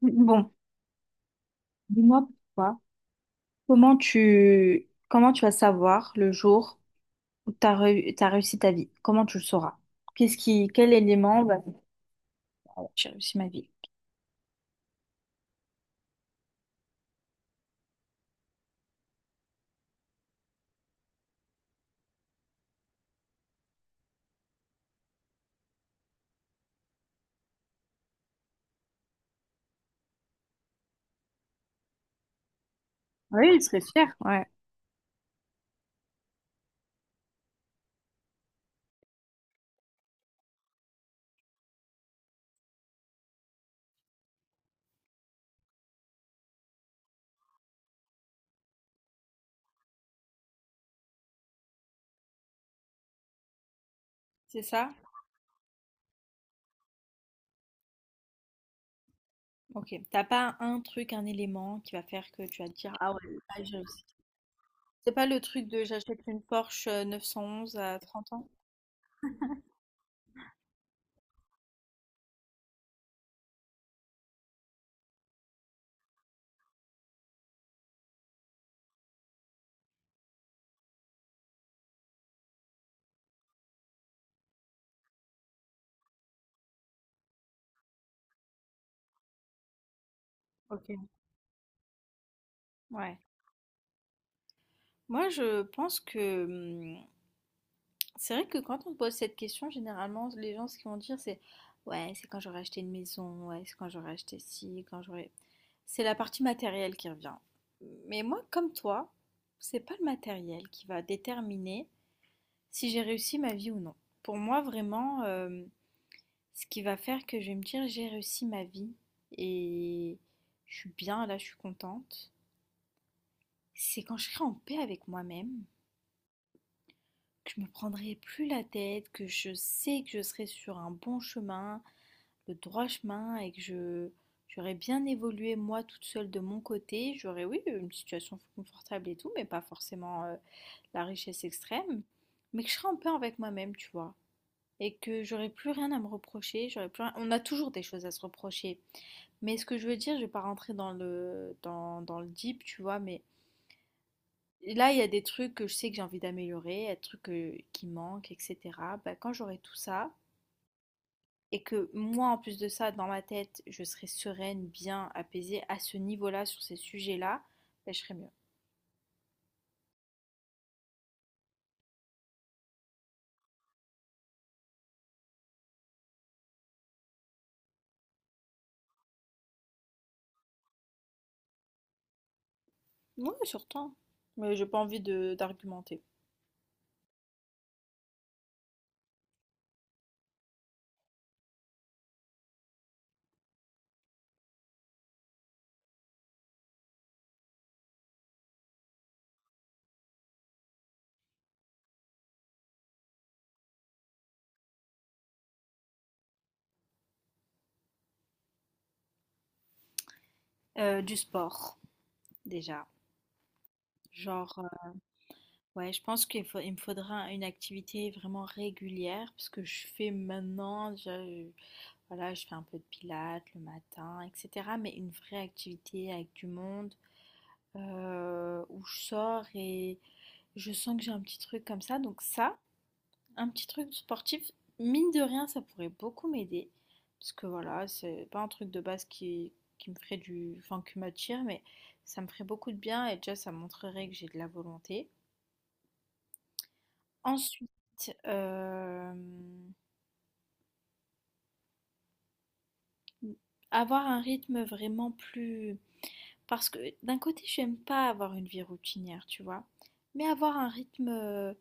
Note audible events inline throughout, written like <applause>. Bon, dis-moi pourquoi. Comment tu vas savoir le jour où tu as réussi ta vie? Comment tu le sauras? Qu'est-ce qui quel élément va te dire, ah ouais, j'ai réussi ma vie? Oui, il serait fier, ouais. C'est ça? Ok. T'as pas un truc, un élément qui va faire que tu vas te dire, ah ouais, là, j'ai réussi. C'est pas le truc de j'achète une Porsche 911 à 30 ans? Ok. Ouais. Moi, je pense que c'est vrai que quand on pose cette question, généralement, les gens, ce qu'ils vont dire, c'est ouais, c'est quand j'aurai acheté une maison, ouais, c'est quand j'aurai acheté ci, quand j'aurai. C'est la partie matérielle qui revient. Mais moi, comme toi, c'est pas le matériel qui va déterminer si j'ai réussi ma vie ou non. Pour moi, vraiment, ce qui va faire que je vais me dire j'ai réussi ma vie et je suis bien là, je suis contente, c'est quand je serai en paix avec moi-même. Que je me prendrai plus la tête, que je sais que je serai sur un bon chemin, le droit chemin, et que je j'aurais bien évolué moi toute seule de mon côté. J'aurais, oui, une situation confortable et tout, mais pas forcément la richesse extrême, mais que je serais en paix avec moi-même, tu vois. Et que j'aurais plus rien à me reprocher, j'aurais plus rien- on a toujours des choses à se reprocher. Mais ce que je veux dire, je vais pas rentrer dans le deep, tu vois, mais là, il y a des trucs que je sais que j'ai envie d'améliorer, il y a des trucs qui manquent, etc. Bah, quand j'aurai tout ça, et que moi, en plus de ça, dans ma tête, je serai sereine, bien, apaisée à ce niveau-là, sur ces sujets-là, bah, je serai mieux. Oui, surtout. Mais j'ai pas envie de d'argumenter. Du sport, déjà. Genre, ouais, je pense il me faudra une activité vraiment régulière, parce que je fais maintenant, voilà, je fais un peu de pilates le matin, etc. Mais une vraie activité avec du monde où je sors et je sens que j'ai un petit truc comme ça. Donc ça, un petit truc sportif, mine de rien, ça pourrait beaucoup m'aider. Parce que voilà, c'est pas un truc de base qui me ferait du... Enfin, qui m'attire, mais ça me ferait beaucoup de bien et déjà, ça montrerait que j'ai de la volonté. Ensuite, euh, avoir un rythme vraiment plus... Parce que d'un côté, j'aime pas avoir une vie routinière, tu vois. Mais avoir un rythme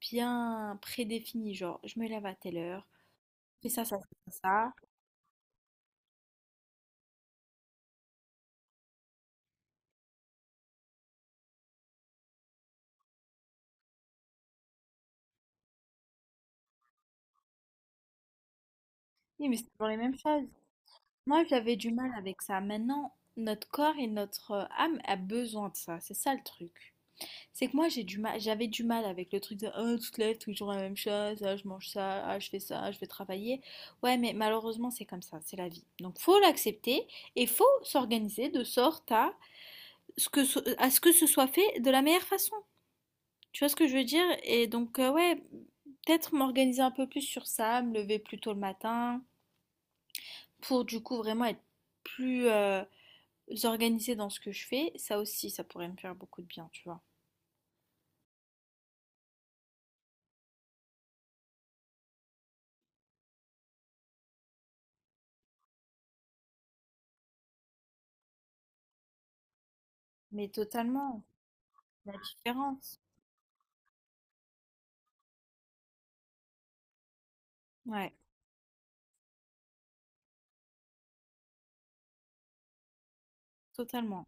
bien prédéfinie, genre je me lève à telle heure, je fais ça, ça, ça, ça. Oui, mais c'est toujours les mêmes choses. Moi, j'avais du mal avec ça. Maintenant, notre corps et notre âme a besoin de ça. C'est ça le truc. C'est que moi, j'ai du mal, j'avais du mal avec le truc de oh, tu te lèves toujours la même chose, ah, je mange ça, ah, je fais ça, ah, je vais travailler. Ouais, mais malheureusement, c'est comme ça, c'est la vie. Donc, faut l'accepter et faut s'organiser de sorte à ce que ce soit fait de la meilleure façon. Tu vois ce que je veux dire? Et donc, ouais, peut-être m'organiser un peu plus sur ça, me lever plus tôt le matin, pour du coup vraiment être plus organisée dans ce que je fais. Ça aussi, ça pourrait me faire beaucoup de bien, tu vois. Mais totalement, la différence. Ouais, totalement,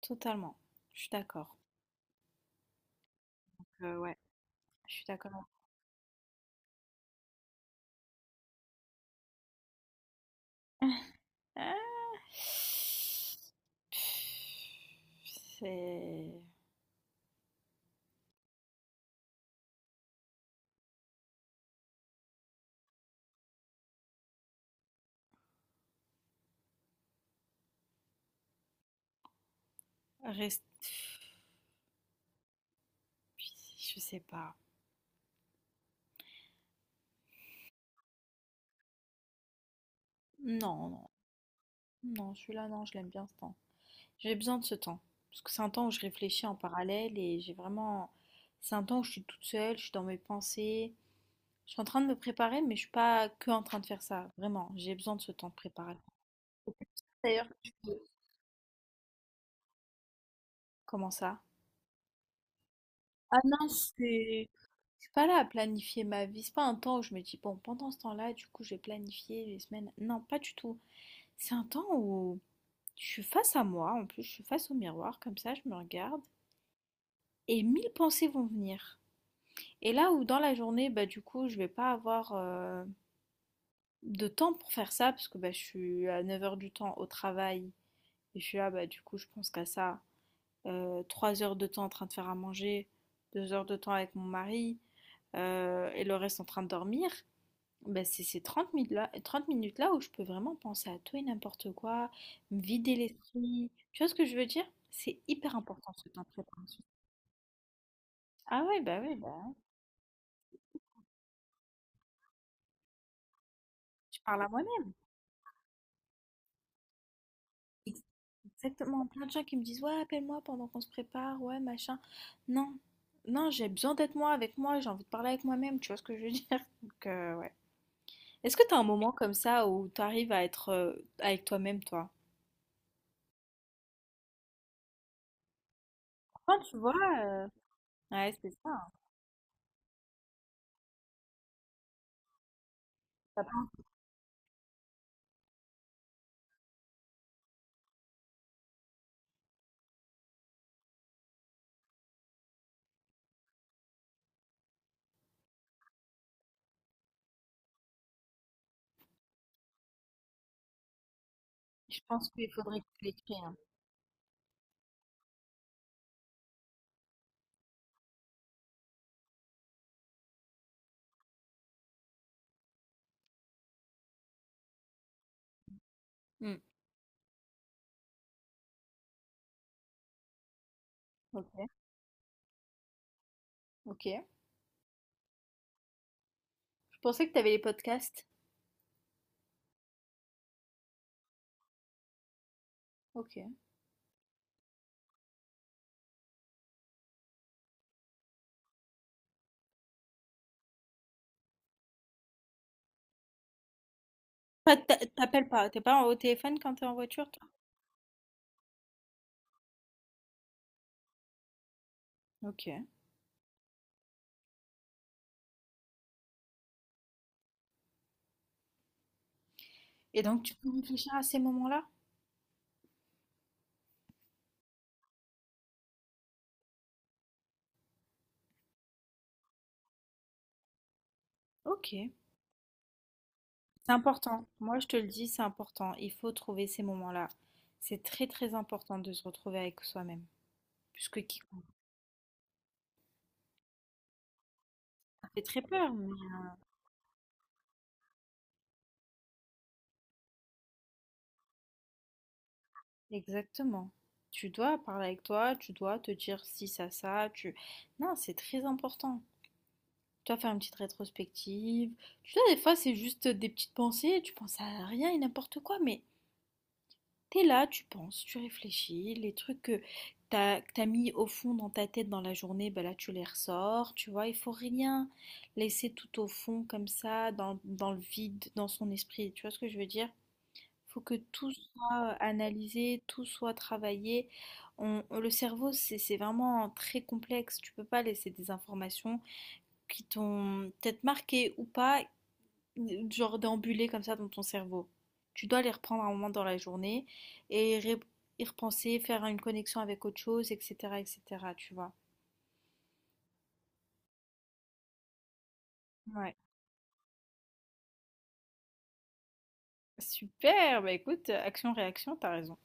totalement. Je suis d'accord. Ouais, je suis d'accord. <laughs> Ah. C'est... Reste... Je sais pas. Non, non, non, celui-là, non, je l'aime bien ce temps. J'ai besoin de ce temps. Parce que c'est un temps où je réfléchis en parallèle et j'ai vraiment. C'est un temps où je suis toute seule, je suis dans mes pensées. Je suis en train de me préparer, mais je suis pas que en train de faire ça. Vraiment, j'ai besoin de ce temps de préparation. C'est pour ça, d'ailleurs, que comment ça? Ah non, c'est. Je suis pas là à planifier ma vie. C'est pas un temps où je me dis, bon, pendant ce temps-là, du coup, je vais planifier les semaines. Non, pas du tout. C'est un temps où je suis face à moi, en plus, je suis face au miroir, comme ça, je me regarde, et mille pensées vont venir. Et là où dans la journée, bah, du coup, je vais pas avoir de temps pour faire ça, parce que bah, je suis à 9 heures du temps au travail, et je suis là, bah, du coup, je pense qu'à ça. 3 heures de temps en train de faire à manger, 2 heures de temps avec mon mari, et le reste en train de dormir. Bah, c'est ces 30 minutes là, 30 minutes là où je peux vraiment penser à tout et n'importe quoi, me vider l'esprit. Tu vois ce que je veux dire? C'est hyper important ce temps de préparation. Ah ouais, bah, je parle à moi-même. Exactement, plein de gens qui me disent, ouais, appelle-moi pendant qu'on se prépare, ouais, machin. Non, non, j'ai besoin d'être moi avec moi, j'ai envie de parler avec moi-même, tu vois ce que je veux dire? <laughs> Donc, ouais. Est-ce que t'as un moment comme ça où t'arrives à être avec toi-même, toi? Enfin, tu vois, euh, ouais, c'est ça. Ça part- Je pense qu'il faudrait que tu l'écrives. Hmm. Ok, ok. Je pensais que t'avais les podcasts. Ok. T'appelles pas, t'es pas au téléphone quand t'es en voiture, toi? Ok. Et donc, tu peux réfléchir à ces moments-là? Ok. C'est important. Moi, je te le dis, c'est important. Il faut trouver ces moments-là. C'est très, très important de se retrouver avec soi-même. Puisque qui ça fait très peur. Exactement. Tu dois parler avec toi, tu dois te dire si ça, ça, tu... Non, c'est très important. Tu dois faire une petite rétrospective. Tu vois, des fois, c'est juste des petites pensées, tu penses à rien et n'importe quoi, mais t'es là, tu penses, tu réfléchis, les trucs que que t'as mis au fond dans ta tête dans la journée, ben là tu les ressors, tu vois, il faut rien laisser tout au fond comme ça, dans le vide, dans son esprit, tu vois ce que je veux dire? Faut que tout soit analysé, tout soit travaillé. Le cerveau, c'est vraiment très complexe. Tu peux pas laisser des informations qui t'ont peut-être marqué ou pas genre d'ambuler comme ça dans ton cerveau. Tu dois les reprendre à un moment dans la journée et y repenser, faire une connexion avec autre chose, etc., etc., tu vois. Ouais. Super, bah écoute, action-réaction, t'as raison.